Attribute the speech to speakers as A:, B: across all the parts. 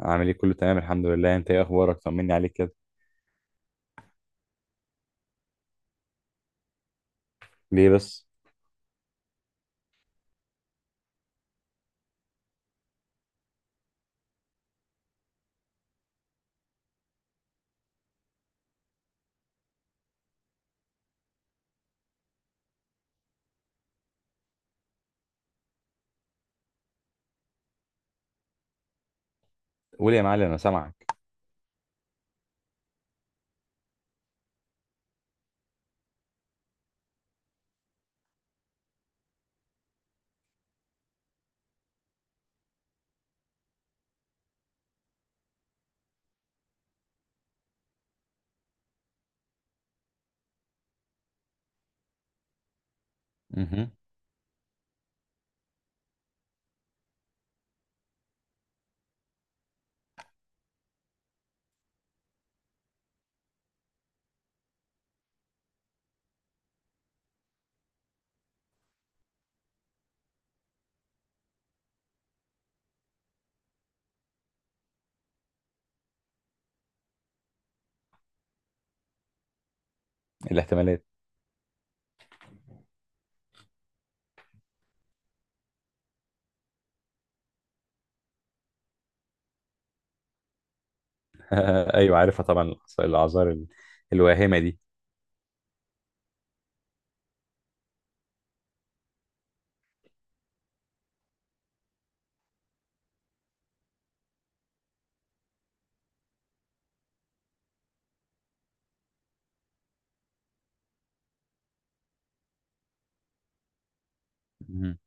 A: عامل ايه، كله تمام الحمد لله. انت ايه اخبارك؟ طمني عليك كده. ليه بس؟ قول يا معلم، انا سامعك. مهم. الاحتمالات. ايوه، عارفها طبعا. الاعذار الواهمه دي. مهم.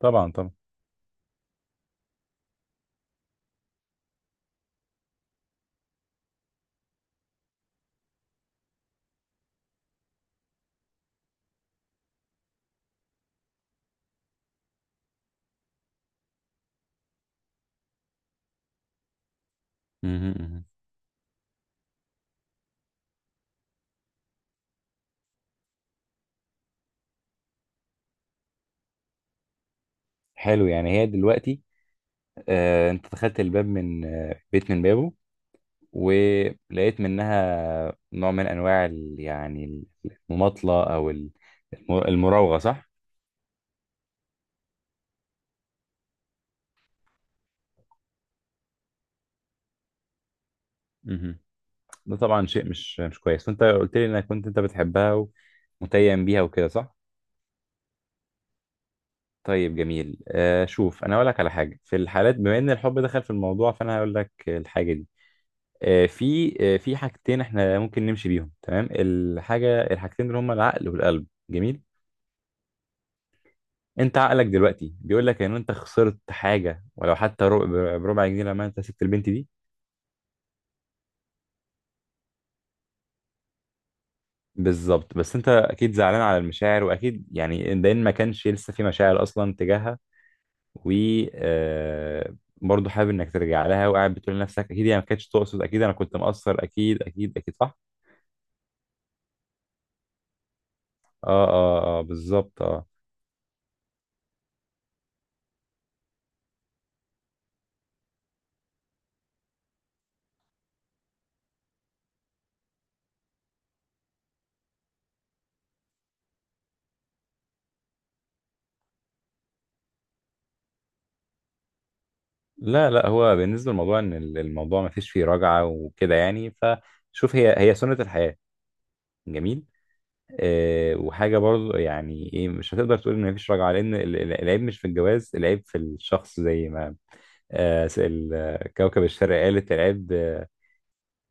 A: طبعا طبعا. مهم، مهم. حلو. يعني هي دلوقتي، انت دخلت الباب من بيت من بابه، ولقيت منها نوع من انواع يعني المماطله او المراوغه، صح؟ مهم. ده طبعا شيء مش كويس. وانت قلت لي انك كنت انت بتحبها ومتيم بيها وكده، صح؟ طيب جميل. شوف، انا اقول لك على حاجه. في الحالات بما ان الحب دخل في الموضوع، فانا هقول لك الحاجه دي. في حاجتين احنا ممكن نمشي بيهم، تمام. الحاجتين دول هما العقل والقلب، جميل. انت عقلك دلوقتي بيقول لك ان انت خسرت حاجه ولو حتى ربع بربع جنيه لما انت سبت البنت دي. بالظبط. بس انت اكيد زعلان على المشاعر، واكيد يعني ده إن ما كانش لسه في مشاعر اصلا تجاهها. و آه، برضه حابب انك ترجع لها، وقاعد بتقول لنفسك اكيد هي ما كانتش تقصد، اكيد انا كنت مقصر، اكيد اكيد اكيد، صح؟ اه اه اه، بالظبط اه. لا، لا، هو بالنسبه للموضوع ان الموضوع ما فيش فيه رجعه وكده يعني. فشوف، هي سنه الحياه، جميل. وحاجه برضه، يعني ايه، مش هتقدر تقول ان ما فيش رجعه، لان العيب مش في الجواز، العيب في الشخص، زي ما كوكب الشرق قالت: العيب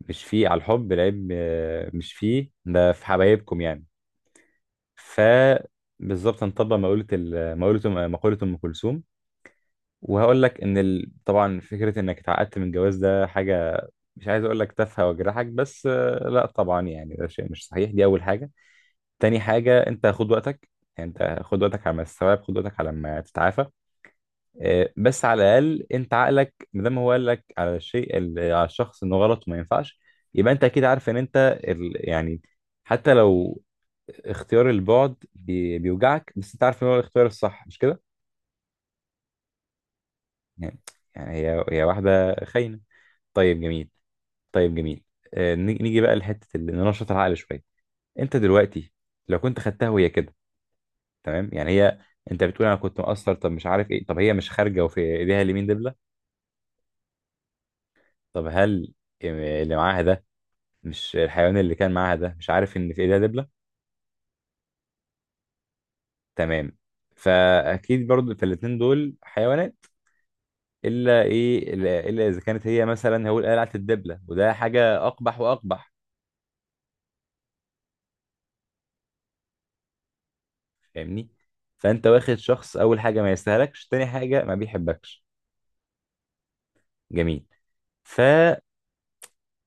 A: مش فيه على الحب، العيب مش فيه، ده في حبايبكم يعني. ف بالظبط، هنطبق مقولة ال- مقولة مقولة أم كلثوم. وهقول لك إن طبعا فكرة إنك اتعقدت من الجواز ده حاجة، مش عايز أقول لك تافهة وأجرحك، بس لا طبعا يعني ده شيء مش صحيح. دي أول حاجة. تاني حاجة، أنت خد وقتك. يعني أنت خد وقتك على ما تستوعب، خد وقتك على ما تتعافى. بس على الأقل أنت عقلك مادام هو قال لك على الشيء على الشخص إنه غلط وما ينفعش، يبقى أنت أكيد عارف إن أنت يعني، حتى لو اختيار البعد بيوجعك، بس انت عارف ان هو الاختيار الصح، مش كده؟ يعني يعني هي واحده خاينه. طيب جميل. طيب جميل. نيجي بقى لحته اللي ننشط العقل شويه. انت دلوقتي، لو كنت خدتها وهي كده، تمام، يعني هي، انت بتقول انا كنت مقصر، طب مش عارف ايه، طب هي مش خارجه وفي ايديها اليمين دبله؟ طب هل اللي معاها ده، مش الحيوان اللي كان معاها ده مش عارف ان في ايديها دبله؟ تمام. فاكيد برضو في الاتنين دول حيوانات. الا ايه، إلا اذا كانت هي مثلا هو قلعه الدبله، وده حاجه اقبح واقبح. فاهمني؟ فانت واخد شخص، اول حاجه ما يستاهلكش، تاني حاجه ما بيحبكش. جميل. ف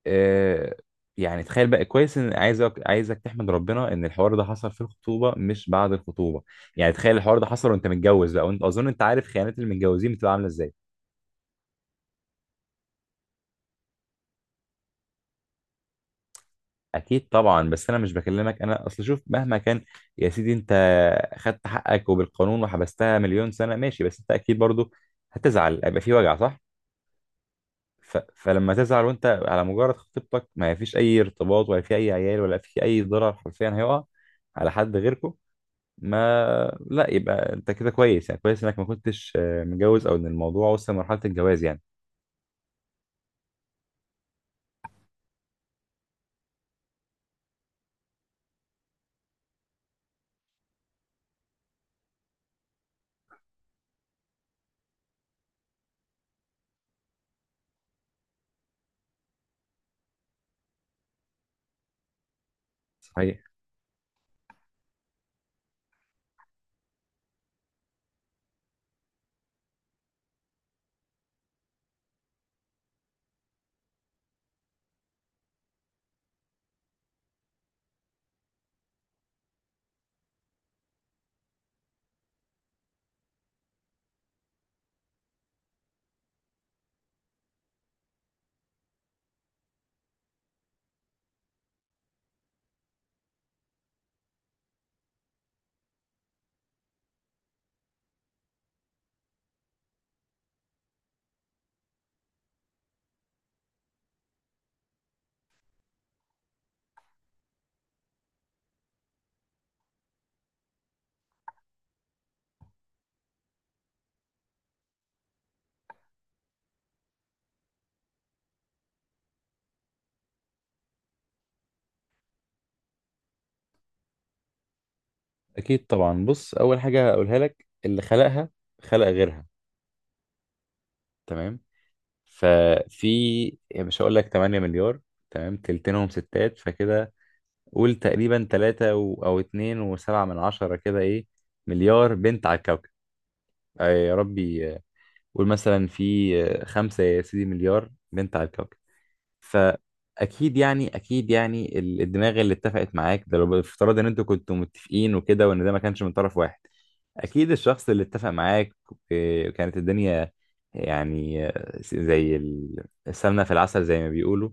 A: آه، يعني تخيل بقى كويس، ان عايزك تحمد ربنا ان الحوار ده حصل في الخطوبه مش بعد الخطوبه. يعني تخيل الحوار ده حصل وانت متجوز بقى، وانت اظن انت عارف خيانات المتجوزين بتبقى عامله ازاي. اكيد طبعا. بس انا مش بكلمك، انا اصل شوف مهما كان يا سيدي، انت خدت حقك وبالقانون وحبستها مليون سنه، ماشي، بس انت اكيد برضو هتزعل، هيبقى في وجع، صح؟ فلما تزعل وانت على مجرد خطيبتك، ما فيش اي ارتباط ولا في اي عيال ولا في اي ضرر حرفيا هيقع على حد غيركم. ما لا، يبقى انت كده كويس، يعني كويس انك ما كنتش متجوز او ان الموضوع وصل لمرحله الجواز يعني. صحيح. اكيد طبعا. بص، اول حاجه اقولها لك: اللي خلقها خلق غيرها. تمام. ففي، يعني مش هقول لك 8 مليار، تمام، تلتينهم ستات فكده، قول تقريبا 3 او 2 و7 من عشرة كده، ايه، مليار بنت على الكوكب. يا ربي، قول مثلا في خمسة يا سيدي مليار بنت على الكوكب. فأكيد يعني أكيد يعني الدماغ اللي اتفقت معاك ده، لو بافتراض إن أنتوا كنتوا متفقين وكده، وإن ده ما كانش من طرف واحد، اكيد الشخص اللي اتفق معاك، إيه، كانت الدنيا يعني زي السمنه في العسل، زي ما بيقولوا.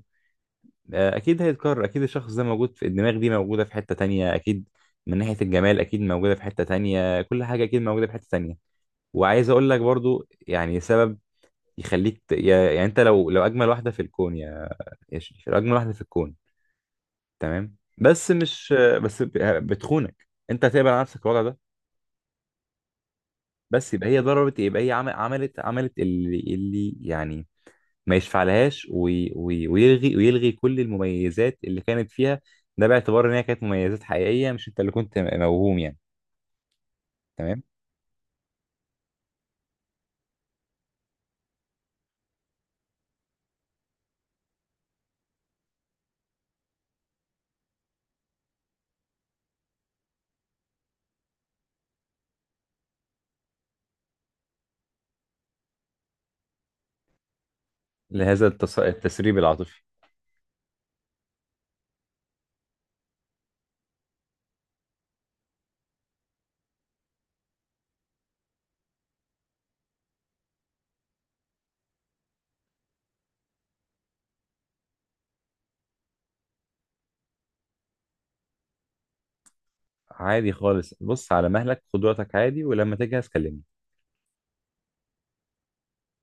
A: اكيد هيتكرر، اكيد الشخص ده موجود، في الدماغ دي موجوده في حته تانية اكيد، من ناحيه الجمال اكيد موجوده في حته تانية، كل حاجه اكيد موجوده في حته تانية. وعايز اقول لك برضو يعني سبب يخليك يعني، انت لو اجمل واحده في الكون، يا شريف، لو اجمل واحده في الكون، تمام، بس مش بس بتخونك، انت هتقبل على نفسك الوضع ده؟ بس يبقى هي ضربت، يبقى هي عملت عملت اللي يعني ما يشفعلهاش، ويلغي كل المميزات اللي كانت فيها. ده باعتبار ان هي كانت مميزات حقيقية، مش انت اللي كنت موهوم يعني. تمام. لهذا التسريب العاطفي. عادي خالص. بص، على مهلك، خد وقتك عادي، ولما تجهز كلمني.